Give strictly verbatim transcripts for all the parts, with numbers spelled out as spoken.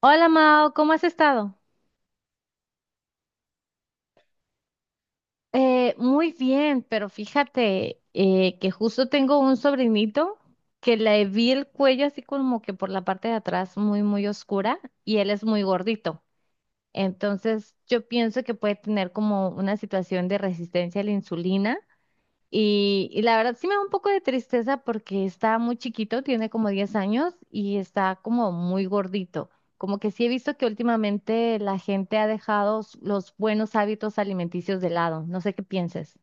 Hola Mao, ¿cómo has estado? Eh, muy bien, pero fíjate eh, que justo tengo un sobrinito que le vi el cuello así como que por la parte de atrás muy, muy oscura y él es muy gordito. Entonces yo pienso que puede tener como una situación de resistencia a la insulina. Y, y la verdad sí me da un poco de tristeza porque está muy chiquito, tiene como diez años y está como muy gordito. Como que sí he visto que últimamente la gente ha dejado s- los buenos hábitos alimenticios de lado. No sé qué pienses.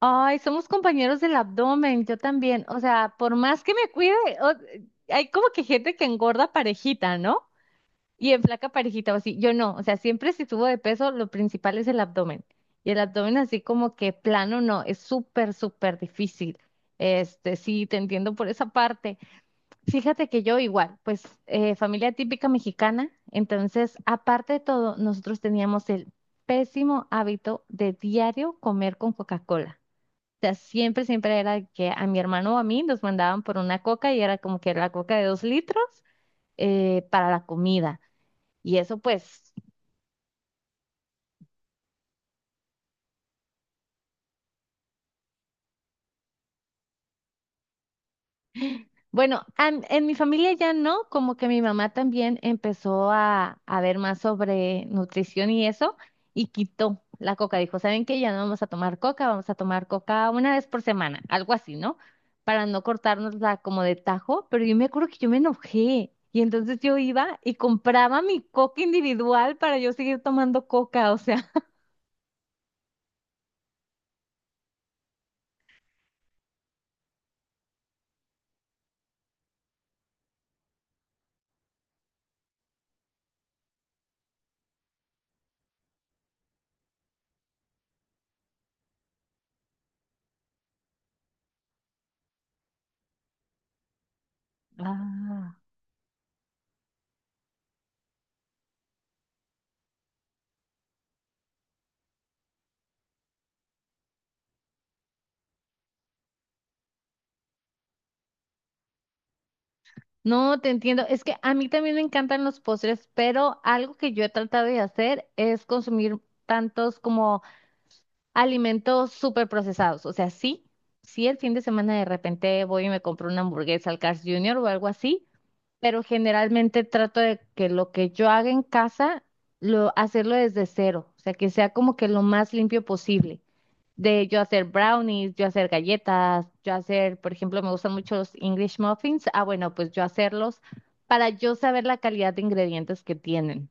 Ay, somos compañeros del abdomen, yo también. O sea, por más que me cuide, o- hay como que gente que engorda parejita, ¿no? Y en flaca parejita o así, yo no, o sea, siempre si subo de peso, lo principal es el abdomen. Y el abdomen así como que plano, no, es súper, súper difícil. Este, sí, te entiendo por esa parte. Fíjate que yo igual, pues eh, familia típica mexicana, entonces, aparte de todo, nosotros teníamos el pésimo hábito de diario comer con Coca-Cola. O sea, siempre, siempre era que a mi hermano o a mí nos mandaban por una coca y era como que la coca de dos litros eh, para la comida. Y eso pues, bueno, am- en, mi familia ya no, como que mi mamá también empezó a, a ver más sobre nutrición y eso, y quitó la coca. Dijo, ¿saben qué? Ya no vamos a tomar coca, vamos a tomar coca una vez por semana, algo así, ¿no? Para no cortárnosla como de tajo, pero yo me acuerdo que yo me enojé. Y entonces yo iba y compraba mi coca individual para yo seguir tomando coca, o sea. Ah. No, te entiendo. Es que a mí también me encantan los postres, pero algo que yo he tratado de hacer es consumir tantos como alimentos súper procesados. O sea, sí, sí el fin de semana de repente voy y me compro una hamburguesa al Carl's junior o algo así, pero generalmente trato de que lo que yo haga en casa, lo, hacerlo desde cero. O sea, que sea como que lo más limpio posible de yo hacer brownies, yo hacer galletas, yo hacer, por ejemplo, me gustan mucho los English muffins. Ah, bueno, pues yo hacerlos para yo saber la calidad de ingredientes que tienen.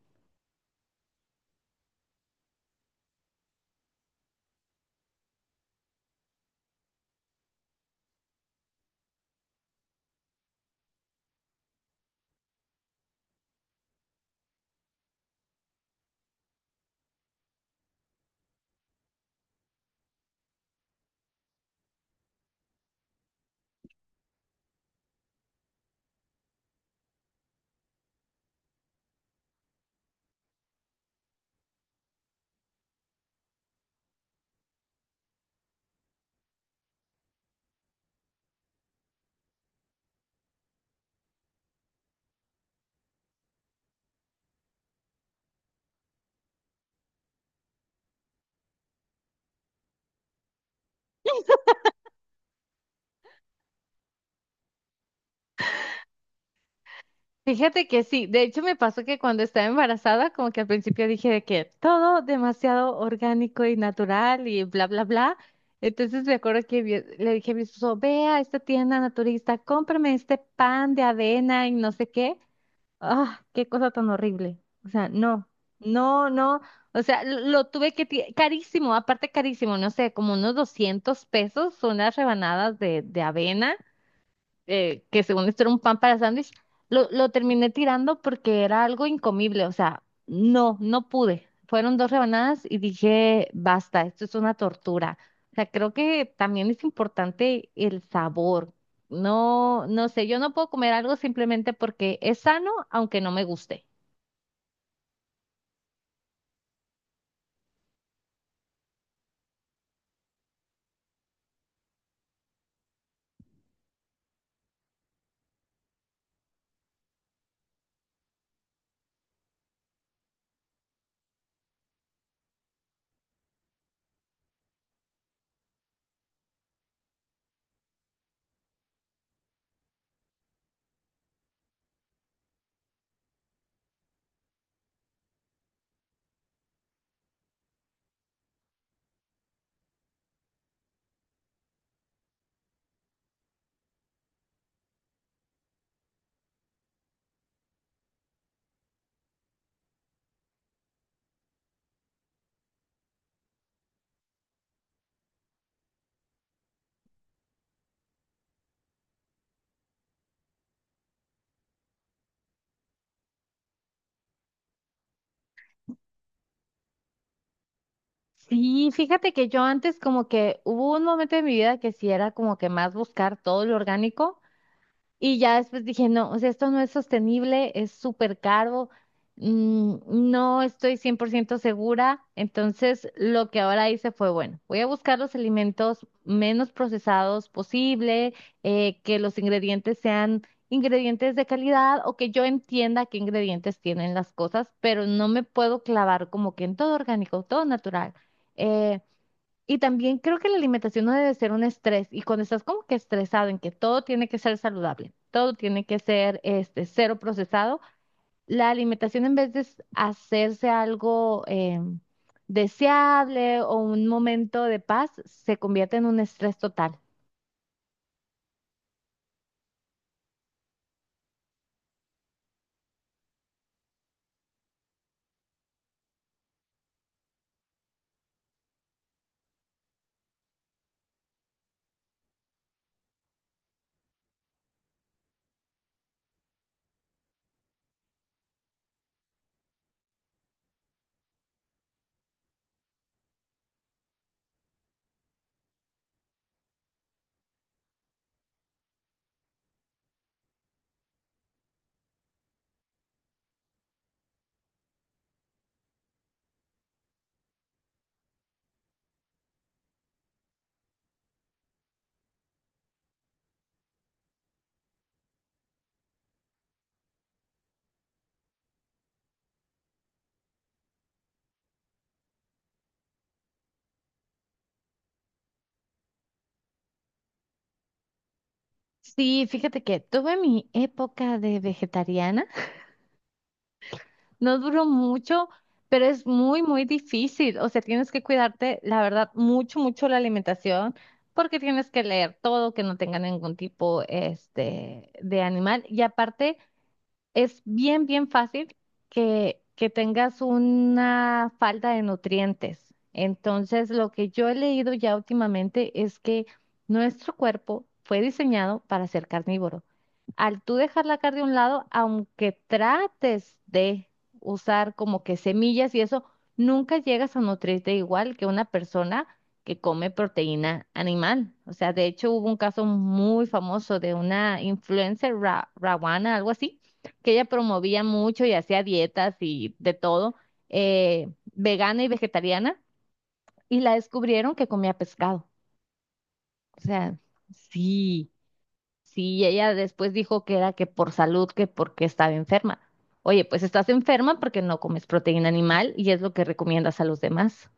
Fíjate que sí, de hecho me pasó que cuando estaba embarazada, como que al principio dije de que todo demasiado orgánico y natural y bla, bla, bla. Entonces me acuerdo que vi- le dije a mi esposo, ve a esta tienda naturista, cómprame este pan de avena y no sé qué. Ah, qué cosa tan horrible. O sea, no, no, no. O sea, lo, lo tuve que... ti- Carísimo, aparte carísimo, no sé, como unos doscientos pesos son las rebanadas de, de avena eh, que según esto era un pan para sándwich, lo, lo terminé tirando porque era algo incomible, o sea, no, no pude. Fueron dos rebanadas y dije, basta, esto es una tortura. O sea, creo que también es importante el sabor. No, no sé, yo no puedo comer algo simplemente porque es sano, aunque no me guste. Sí, fíjate que yo antes como que hubo un momento de mi vida que sí era como que más buscar todo lo orgánico. Y ya después dije, no, o sea, esto no es sostenible, es súper caro, mm, no estoy cien por ciento segura. Entonces, lo que ahora hice fue, bueno, voy a buscar los alimentos menos procesados posible, eh, que los ingredientes sean ingredientes de calidad o que yo entienda qué ingredientes tienen las cosas, pero no me puedo clavar como que en todo orgánico, todo natural. Eh, y también creo que la alimentación no debe ser un estrés. Y cuando estás como que estresado en que todo tiene que ser saludable, todo tiene que ser este cero procesado, la alimentación en vez de s- hacerse algo em, deseable o un momento de paz, se convierte en un estrés total. Sí, fíjate que tuve mi época de vegetariana. No duró mucho, pero es muy, muy difícil. O sea, tienes que cuidarte, la verdad, mucho, mucho la alimentación, porque tienes que leer todo, que no tenga ningún tipo, este, de animal. Y aparte, es bien, bien fácil que, que tengas una falta de nutrientes. Entonces, lo que yo he leído ya últimamente es que nuestro cuerpo fue diseñado para ser carnívoro. Al tú dejar la carne a un lado, aunque trates de usar como que semillas y eso, nunca llegas a nutrirte igual que una persona que come proteína animal. O sea, de hecho hubo un caso muy famoso de una influencer, Ra- Rawana, algo así, que ella promovía mucho y hacía dietas y de todo, eh, vegana y vegetariana, y la descubrieron que comía pescado. O sea, sí, sí, y ella después dijo que era que por salud, que porque estaba enferma. Oye, pues estás enferma porque no comes proteína animal y es lo que recomiendas a los demás.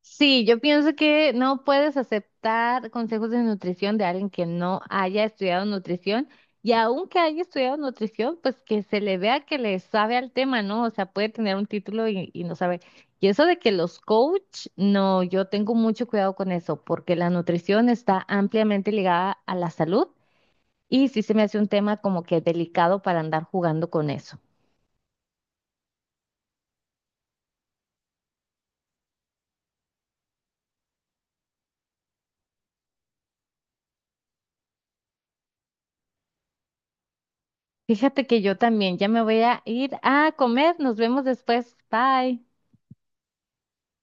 Sí, yo pienso que no puedes aceptar consejos de nutrición de alguien que no haya estudiado nutrición y aunque haya estudiado nutrición, pues que se le vea que le sabe al tema, ¿no? O sea, puede tener un título y, y no sabe. Y eso de que los coach, no, yo tengo mucho cuidado con eso porque la nutrición está ampliamente ligada a la salud y sí se me hace un tema como que delicado para andar jugando con eso. Fíjate que yo también ya me voy a ir a comer. Nos vemos después. Bye.